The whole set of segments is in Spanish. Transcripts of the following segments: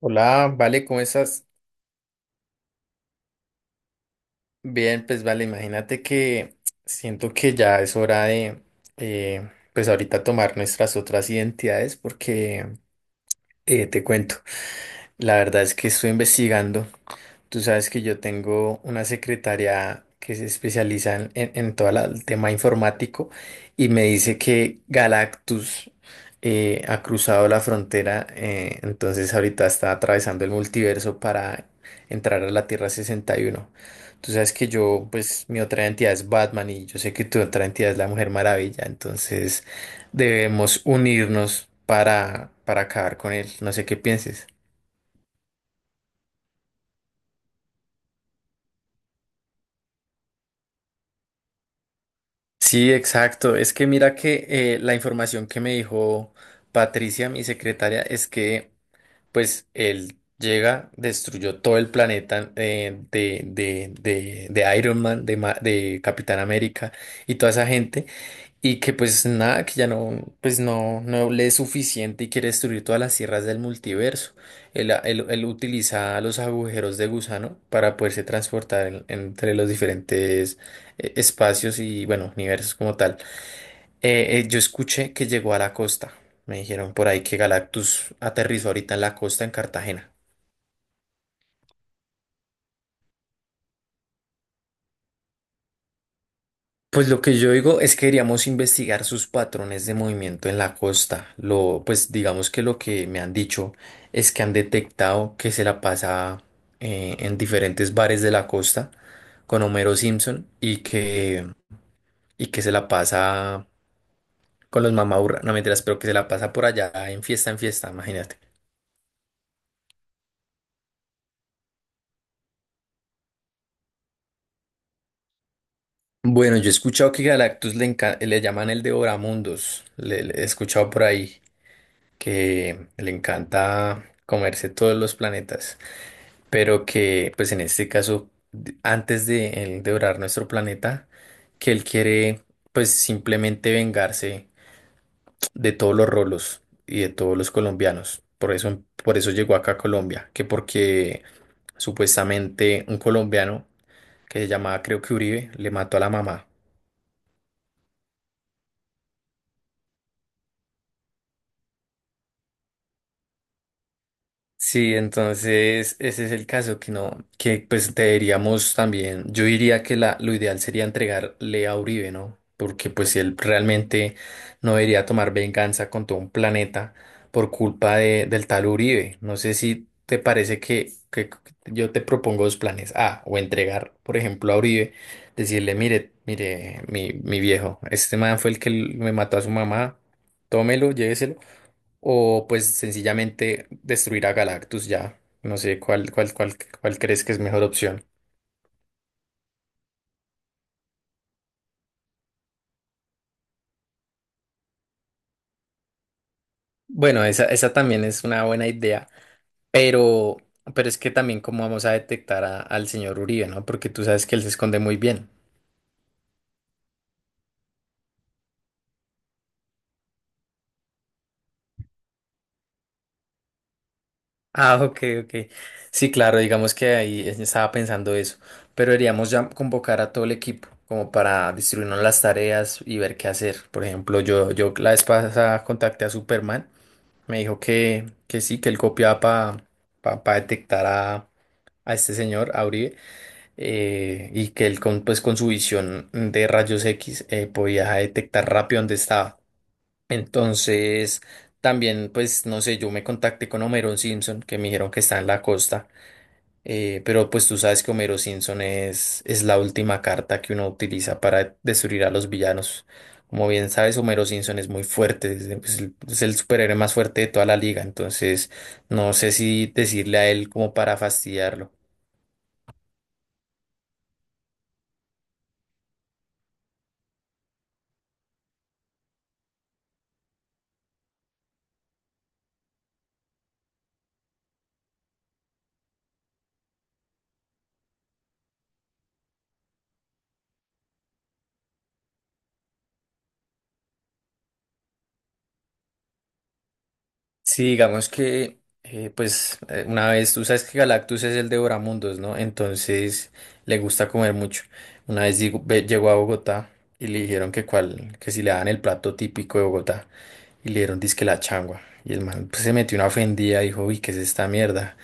Hola, vale, ¿cómo estás? Bien, pues vale, imagínate que siento que ya es hora de, pues ahorita tomar nuestras otras identidades porque te cuento, la verdad es que estoy investigando. Tú sabes que yo tengo una secretaria que se especializa en todo el tema informático y me dice que Galactus ha cruzado la frontera, entonces ahorita está atravesando el multiverso para entrar a la Tierra 61. Tú sabes que yo, pues mi otra entidad es Batman y yo sé que tu otra entidad es la Mujer Maravilla, entonces debemos unirnos para acabar con él. No sé qué pienses. Sí, exacto. Es que mira que la información que me dijo Patricia, mi secretaria, es que pues él llega, destruyó todo el planeta de Iron Man, de Capitán América y toda esa gente. Y que pues nada, que ya no, pues no, no le es suficiente y quiere destruir todas las tierras del multiverso. Él utiliza los agujeros de gusano para poderse transportar entre los diferentes espacios y bueno, universos como tal. Yo escuché que llegó a la costa. Me dijeron por ahí que Galactus aterrizó ahorita en la costa en Cartagena. Pues lo que yo digo es que deberíamos investigar sus patrones de movimiento en la costa. Lo, pues digamos que lo que me han dicho es que han detectado que se la pasa en diferentes bares de la costa con Homero Simpson y que se la pasa con los mamaburra. No mentiras, pero que se la pasa por allá en fiesta, imagínate. Bueno, yo he escuchado que Galactus le llaman el Devoramundos. Le he escuchado por ahí que le encanta comerse todos los planetas. Pero que pues en este caso, antes de él devorar nuestro planeta, que él quiere pues simplemente vengarse de todos los rolos y de todos los colombianos. Por eso llegó acá a Colombia, que porque supuestamente un colombiano que se llamaba creo que Uribe le mató a la mamá. Sí, entonces ese es el caso que no, que pues deberíamos también, yo diría que la, lo ideal sería entregarle a Uribe, ¿no? Porque pues si él realmente no debería tomar venganza con todo un planeta por culpa de, del tal Uribe. No sé si te parece que yo te propongo dos planes. A, o entregar, por ejemplo, a Uribe, decirle, mire, mire, mi viejo, este man fue el que me mató a su mamá, tómelo, lléveselo o pues sencillamente destruir a Galactus ya. No sé cuál crees que es mejor opción. Bueno, esa también es una buena idea, pero, pero es que también cómo vamos a detectar al señor Uribe, ¿no? Porque tú sabes que él se esconde muy bien. Ah, ok, ok. Sí, claro, digamos que ahí estaba pensando eso, pero deberíamos ya convocar a todo el equipo como para distribuirnos las tareas y ver qué hacer. Por ejemplo, yo la vez pasada contacté a Superman. Me dijo que sí, que él copiaba para pa detectar a este señor, a Uribe, y que él con, pues, con su visión de rayos X podía detectar rápido dónde estaba. Entonces, también, pues, no sé, yo me contacté con Homerón Simpson, que me dijeron que está en la costa. Pero pues tú sabes que Homero Simpson es la última carta que uno utiliza para destruir a los villanos. Como bien sabes, Homero Simpson es muy fuerte, es es el superhéroe más fuerte de toda la liga, entonces no sé si decirle a él como para fastidiarlo. Sí, digamos que, una vez, tú sabes que Galactus es el devoramundos, ¿no? Entonces le gusta comer mucho. Una vez llegó a Bogotá y le dijeron que, cuál, que si le daban el plato típico de Bogotá y le dieron disque la changua. Y el man pues, se metió una ofendida y dijo, uy, ¿qué es esta mierda?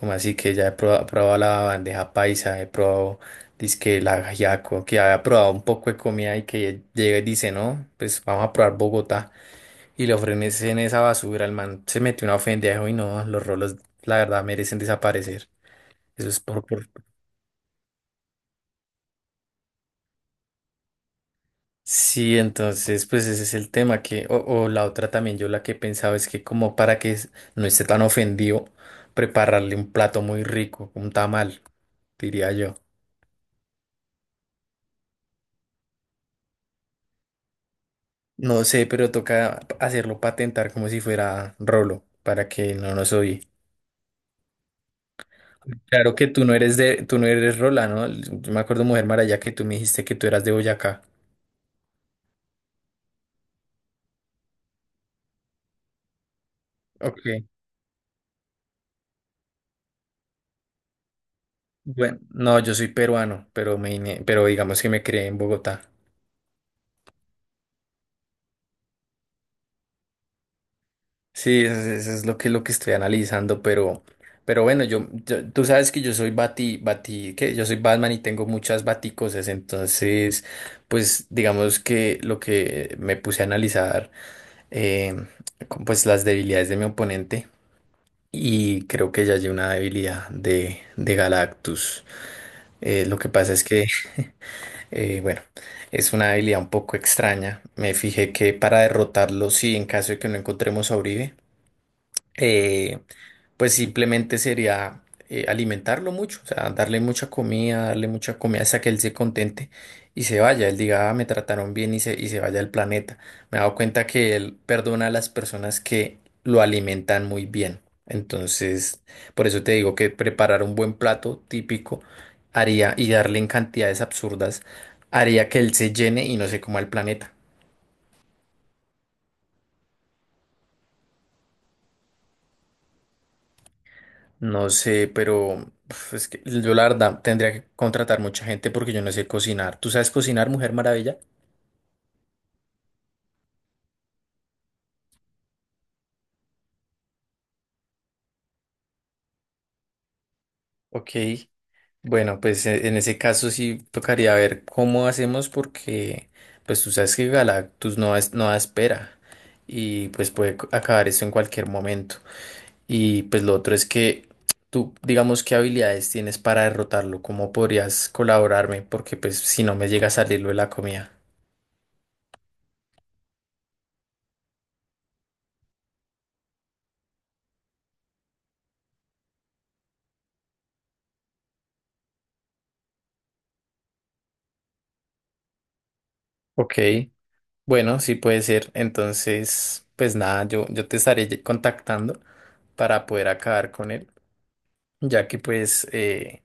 Como así que ya probado, la bandeja paisa, he probado disque el ajiaco, que había probado un poco de comida y que llega y dice, no, pues vamos a probar Bogotá. Y le ofrecen esa basura, el man se metió una ofendejo y no, los rolos, la verdad, merecen desaparecer. Eso es por... Sí, entonces, pues ese es el tema que, o la otra también, yo la que pensaba es que como para que no esté tan ofendido, prepararle un plato muy rico, un tamal, diría yo. No sé, pero toca hacerlo patentar como si fuera rolo, para que no nos oye. Claro que tú no eres de, tú no eres rola, ¿no? Yo me acuerdo, Mujer Maraya, que tú me dijiste que tú eras de Boyacá. Ok. Bueno, no, yo soy peruano, pero pero digamos que me crié en Bogotá. Sí, eso es lo que estoy analizando, pero bueno, tú sabes que yo soy que yo soy Batman y tengo muchas baticosas, entonces, pues digamos que lo que me puse a analizar, eh, con, pues las debilidades de mi oponente y creo que ya hay una debilidad de Galactus. Lo que pasa es que bueno, es una habilidad un poco extraña. Me fijé que para derrotarlo, sí, en caso de que no encontremos a Uribe, eh, pues simplemente sería alimentarlo mucho, o sea, darle mucha comida hasta que él se contente y se vaya, él diga, "Ah, me trataron bien y se vaya al planeta. Me he dado cuenta que él perdona a las personas que lo alimentan muy bien. Entonces, por eso te digo que preparar un buen plato típico haría y darle en cantidades absurdas haría que él se llene y no se coma el planeta. No sé, pero uf, es que yo la verdad tendría que contratar mucha gente porque yo no sé cocinar. ¿Tú sabes cocinar, Mujer Maravilla? Ok, bueno, pues en ese caso sí tocaría ver cómo hacemos porque pues tú sabes que Galactus no, es, no da espera y pues puede acabar esto en cualquier momento. Y pues lo otro es que tú digamos qué habilidades tienes para derrotarlo, cómo podrías colaborarme porque pues si no me llega a salir lo de la comida. Ok. Bueno, sí puede ser. Entonces, pues nada, yo te estaré contactando para poder acabar con él, ya que pues,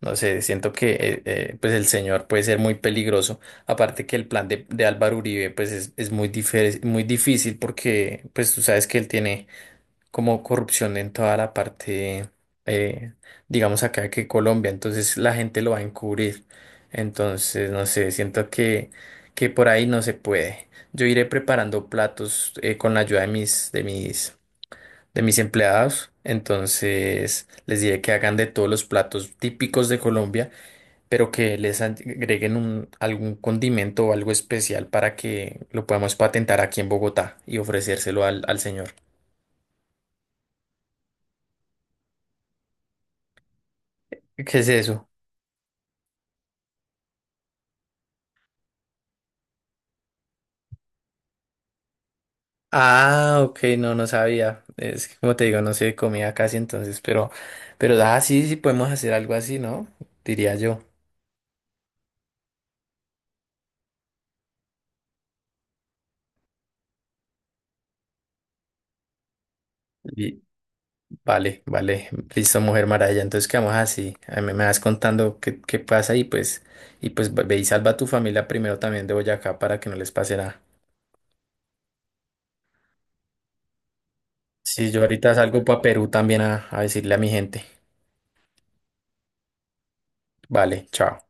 no sé, siento que pues el señor puede ser muy peligroso. Aparte que el plan de Álvaro Uribe pues es muy, muy difícil porque pues tú sabes que él tiene como corrupción en toda la parte, eh, digamos acá que Colombia, entonces la gente lo va a encubrir. Entonces, no sé, siento que por ahí no se puede. Yo iré preparando platos con la ayuda de de mis empleados. Entonces, les diré que hagan de todos los platos típicos de Colombia, pero que les agreguen un, algún condimento o algo especial para que lo podamos patentar aquí en Bogotá y ofrecérselo al, al señor. ¿Qué es eso? Ah, ok, no, no sabía. Es que como te digo, no se comía casi entonces, pero ah, sí, sí podemos hacer algo así, ¿no? Diría yo. Y, vale, vale, listo, Mujer Maravilla. Entonces quedamos así. A mí me vas contando qué, qué pasa y pues ve ve y salva a tu familia primero también de Boyacá para que no les pase nada. Sí, yo ahorita salgo para Perú también a decirle a mi gente. Vale, chao.